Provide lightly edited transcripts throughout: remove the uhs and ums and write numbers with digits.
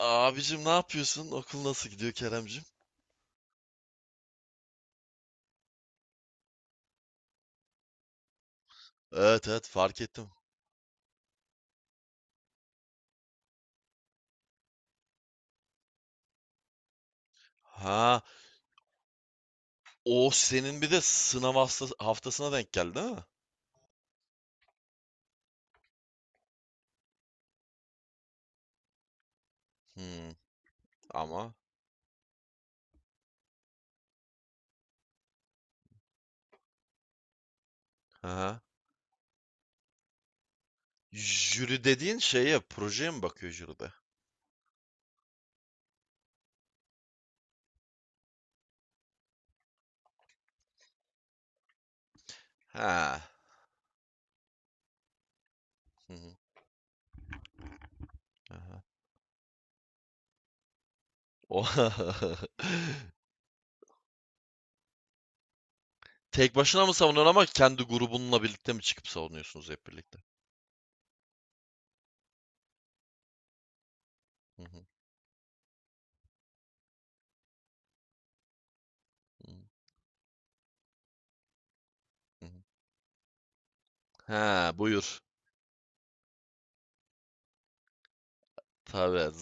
Abicim ne yapıyorsun? Okul nasıl gidiyor Keremcim? Evet evet, fark ettim. Ha, o senin bir de sınav haftasına denk geldi, değil mi? Hmm, ama. Ha. Jüri dediğin şeye, projeye mi bakıyor jüride? Ha. Hı hı, aha. O Tek başına mı savunuyorsun ama, kendi grubunla birlikte mi çıkıp savunuyorsunuz hep birlikte? Hı hı, hı hı, hı hı. Ha, buyur. Tabii.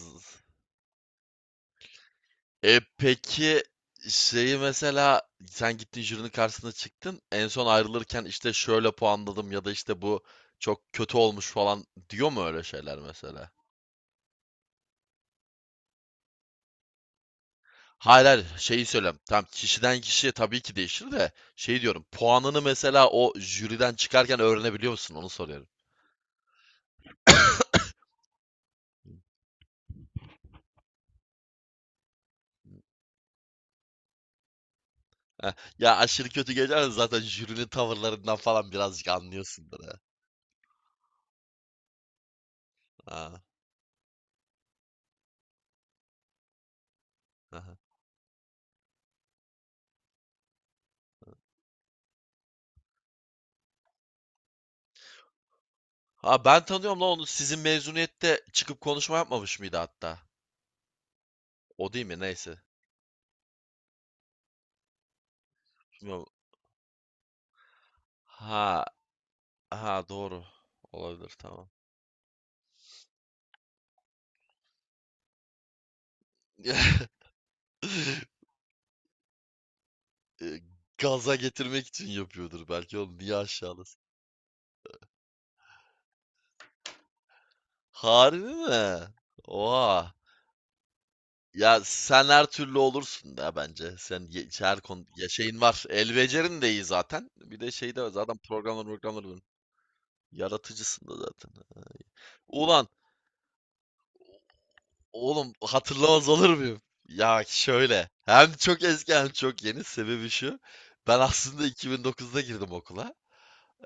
E, peki şeyi mesela, sen gittin jürinin karşısına çıktın. En son ayrılırken işte şöyle puanladım ya da işte bu çok kötü olmuş falan diyor mu öyle şeyler mesela? Hayır hayır, şeyi söylem. Tamam, kişiden kişiye tabii ki değişir de şey diyorum. Puanını mesela o jüriden çıkarken öğrenebiliyor musun? Onu soruyorum. Heh, ya aşırı kötü geçerse zaten jürinin tavırlarından falan birazcık anlıyorsundur ha. Ha, aha. Ha, ben tanıyorum lan onu. Sizin mezuniyette çıkıp konuşma yapmamış mıydı hatta? O değil mi? Neyse. Bilmiyorum. Ha, ha doğru. Olabilir, tamam. E, gaza getirmek için yapıyordur belki oğlum. Niye aşağılasın? Harbi mi? Oha. Ya sen her türlü olursun da bence. Sen her konu ya şeyin var. El becerin de iyi zaten. Bir de şey de var. Zaten programlar, programlar var. Yaratıcısın da zaten. Ulan, oğlum hatırlamaz olur muyum? Ya şöyle, hem çok eski hem çok yeni, sebebi şu. Ben aslında 2009'da girdim okula.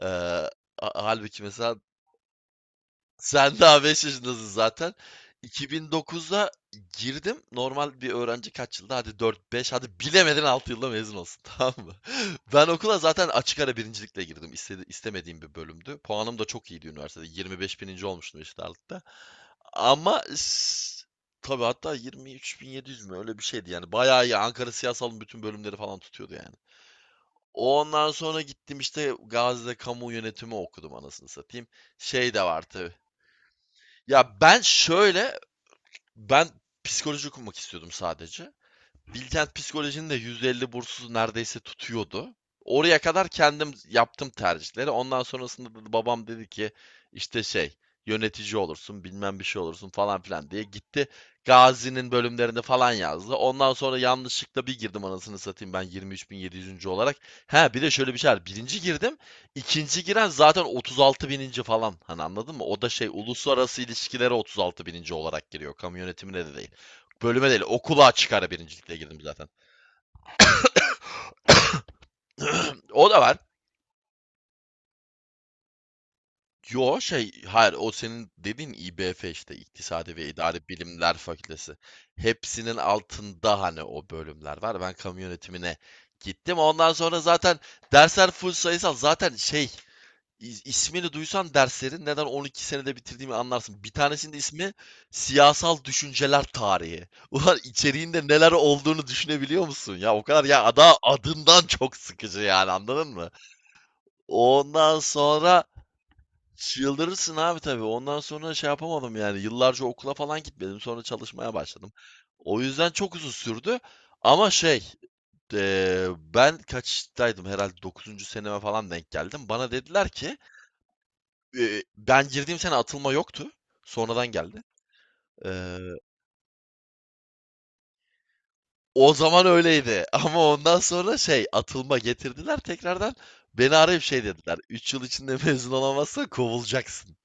Ee, ha- Halbuki mesela sen daha 5 yaşındasın zaten. 2009'da girdim. Normal bir öğrenci kaç yılda? Hadi dört beş, hadi bilemedin 6 yılda mezun olsun tamam mı? Ben okula zaten açık ara birincilikle girdim. İstemediğim bir bölümdü. Puanım da çok iyiydi üniversitede. 25 bininci olmuştum eşit ağırlıkta. Ama s- tabii hatta 23.700 mü, öyle bir şeydi yani. Bayağı iyi. Ankara Siyasal'ın bütün bölümleri falan tutuyordu yani. Ondan sonra gittim işte Gazi'de kamu yönetimi okudum, anasını satayım. Şey de var tabii. Ya ben şöyle, ben psikoloji okumak istiyordum sadece. Bilkent Psikoloji'nin de %50 bursu neredeyse tutuyordu. Oraya kadar kendim yaptım tercihleri. Ondan sonrasında babam dedi ki işte şey, yönetici olursun bilmem bir şey olursun falan filan diye gitti. Gazi'nin bölümlerinde falan yazdı. Ondan sonra yanlışlıkla bir girdim, anasını satayım, ben 23.700. olarak. Ha, bir de şöyle bir şey var. Birinci girdim. İkinci giren zaten 36 bininci falan. Hani anladın mı? O da şey, uluslararası ilişkilere 36 bininci olarak giriyor. Kamu yönetimine de değil, bölüme değil, okula çıkar birincilikle girdim zaten. O da var. Yo şey, hayır, o senin dediğin İBF, işte İktisadi ve İdari Bilimler Fakültesi. Hepsinin altında hani o bölümler var. Ben kamu yönetimine gittim. Ondan sonra zaten dersler full sayısal. Zaten şey, ismini duysan derslerin neden 12 senede bitirdiğimi anlarsın. Bir tanesinin de ismi Siyasal Düşünceler Tarihi. Ulan, içeriğinde neler olduğunu düşünebiliyor musun? Ya o kadar, ya adından çok sıkıcı yani, anladın mı? Ondan sonra çıldırırsın abi tabii. Ondan sonra şey yapamadım yani. Yıllarca okula falan gitmedim. Sonra çalışmaya başladım. O yüzden çok uzun sürdü. Ama şey, ben kaçtaydım, herhalde 9. seneme falan denk geldim. Bana dediler ki, ben girdiğim sene atılma yoktu. Sonradan geldi. Eee, O zaman öyleydi. Ama ondan sonra şey, atılma getirdiler tekrardan. Beni arayıp şey dediler. 3 yıl içinde mezun olamazsan kovulacaksın.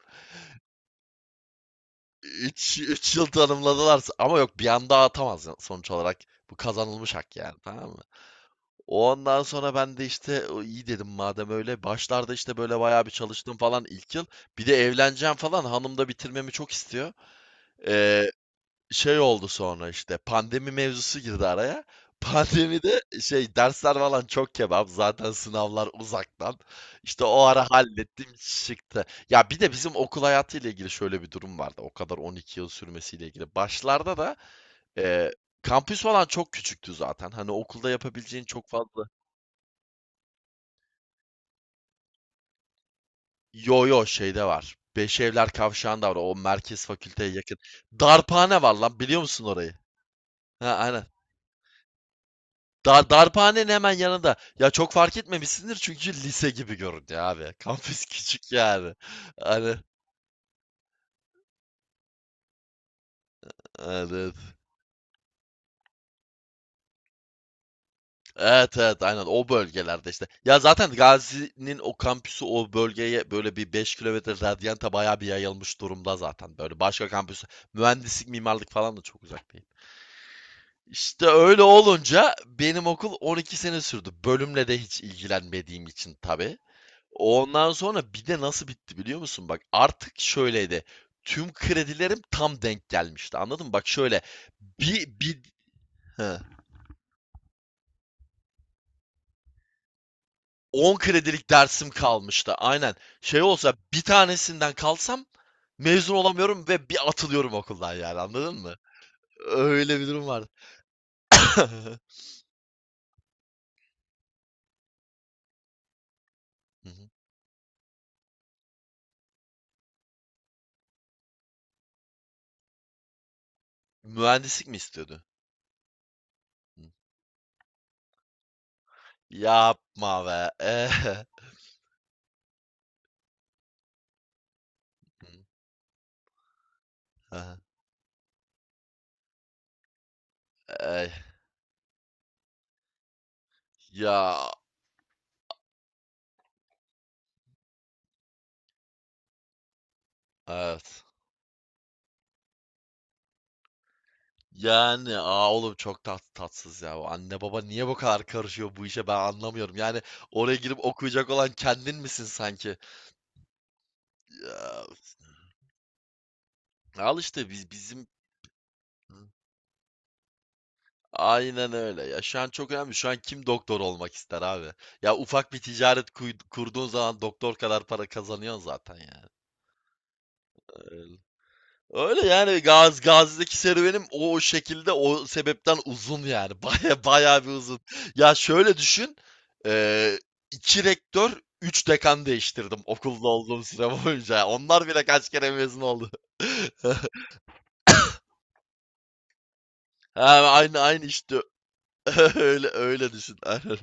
3 yıl tanımladılarsa ama, yok bir anda atamaz sonuç olarak. Bu kazanılmış hak yani, tamam mı? Ondan sonra ben de işte, "O iyi," dedim, "madem öyle." Başlarda işte böyle bayağı bir çalıştım falan ilk yıl. Bir de evleneceğim falan, hanım da bitirmemi çok istiyor. Ee, Şey oldu, sonra işte pandemi mevzusu girdi araya. Pandemide şey, dersler falan çok kebap. Zaten sınavlar uzaktan. İşte o ara hallettim çıktı. Ya bir de bizim okul hayatıyla ilgili şöyle bir durum vardı. O kadar 12 yıl sürmesiyle ilgili. Başlarda da e, kampüs falan çok küçüktü zaten. Hani okulda yapabileceğin çok fazla. Yo yo, şeyde var. Beş Evler Kavşağı'nda var. O merkez fakülteye yakın. Darphane var lan, biliyor musun orayı? Ha aynen. Darphanenin hemen yanında. Ya çok fark etmemişsindir, çünkü lise gibi göründü abi. Kampüs küçük yani. Hani evet. Evet evet, aynen o bölgelerde işte. Ya zaten Gazi'nin o kampüsü o bölgeye böyle bir 5 kilometre radyanta bayağı bir yayılmış durumda zaten. Böyle başka kampüs, mühendislik mimarlık falan da çok uzak değil. İşte öyle olunca benim okul 12 sene sürdü. Bölümle de hiç ilgilenmediğim için tabii. Ondan sonra bir de nasıl bitti biliyor musun? Bak, artık şöyleydi. Tüm kredilerim tam denk gelmişti. Anladın mı? Bak şöyle, bir, bir he, 10 kredilik dersim kalmıştı. Aynen. Şey olsa, bir tanesinden kalsam mezun olamıyorum ve bir atılıyorum okuldan yani. Anladın mı? Öyle bir durum vardı. Hı hı. Mühendislik mi istiyordu? Hı. Yapma be. Eh. Hı. Aha. Ey. Ya evet. Yani, oğlum çok tatsız ya. O anne baba niye bu kadar karışıyor bu işe, ben anlamıyorum. Yani oraya girip okuyacak olan kendin misin sanki? Ya, al işte biz, bizim aynen öyle. Ya şu an çok önemli. Şu an kim doktor olmak ister abi? Ya ufak bir ticaret kurduğun zaman doktor kadar para kazanıyorsun zaten yani. Öyle yani, Gazi'deki serüvenim o şekilde, o sebepten uzun yani. Baya baya bir uzun. Ya şöyle düşün. eee iki rektör, üç dekan değiştirdim okulda olduğum süre boyunca. Yani onlar bile kaç kere mezun oldu. Ha, aynı aynı işte. Öyle öyle düşün. Aynen.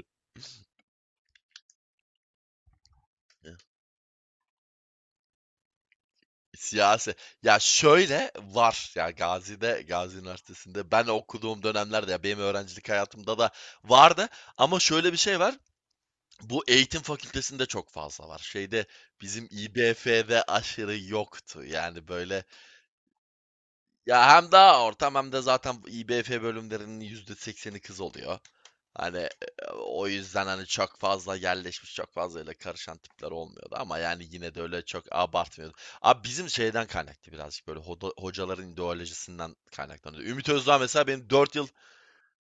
Siyasi. Ya şöyle var ya, Gazi'de, Gazi Üniversitesi'nde ben okuduğum dönemlerde, ya benim öğrencilik hayatımda da vardı ama şöyle bir şey var. Bu eğitim fakültesinde çok fazla var. Şeyde, bizim İBF'de aşırı yoktu. Yani böyle, ya hem daha ortam, hem de zaten İBF bölümlerinin %80'i kız oluyor. Hani o yüzden hani çok fazla yerleşmiş, çok fazla öyle karışan tipler olmuyordu ama yani yine de öyle çok abartmıyordu. Abi bizim şeyden kaynaklı, birazcık böyle hocaların ideolojisinden kaynaklanıyordu. Ümit Özdağ mesela benim 4 yıl.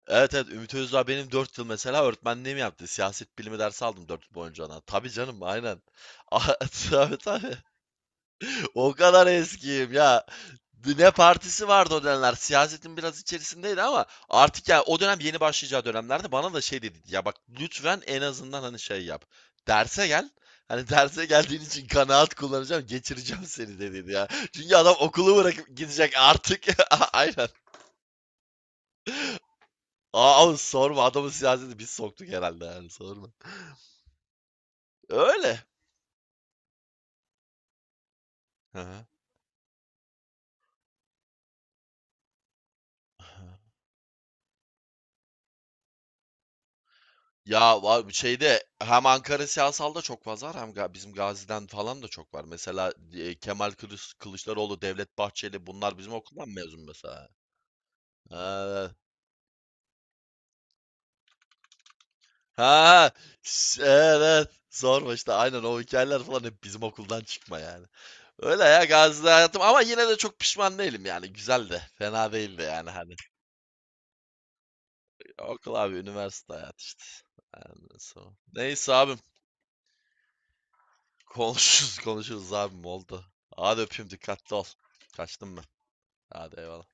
Evet evet. Ümit Özdağ benim 4 yıl mesela öğretmenliğimi yaptı. Siyaset bilimi dersi aldım 4 yıl boyunca ona. Tabii canım, aynen. Ah, tabii tabii. O kadar eskiyim ya. Ne partisi vardı o dönemler. Siyasetin biraz içerisindeydi ama artık, ya o dönem yeni başlayacağı dönemlerde bana da şey dedi. Ya bak, lütfen en azından hani şey yap. Derse gel. Hani derse geldiğin için kanaat kullanacağım, geçireceğim seni, de dedi ya. Çünkü adam okulu bırakıp gidecek artık. Aynen. Aa abi sorma, adamın siyaseti biz soktuk herhalde yani, sorma. Öyle. Hı hı. Ya var şeyde, hem Ankara siyasalda çok fazla var, hem bizim Gazi'den falan da çok var. Mesela Kılıçdaroğlu, Devlet Bahçeli bunlar bizim okuldan mezun mesela. Ha, ha, evet. Sorma işte, aynen o hikayeler falan hep bizim okuldan çıkma yani. Öyle ya, Gazi'de hayatım, ama yine de çok pişman değilim yani, güzel de, fena değildi yani hani. Okul abi, üniversite hayatı işte. Ondan sonra. Neyse abim. Konuşuruz konuşuruz abim, oldu. Hadi öpeyim, dikkatli ol. Kaçtım ben. Hadi eyvallah.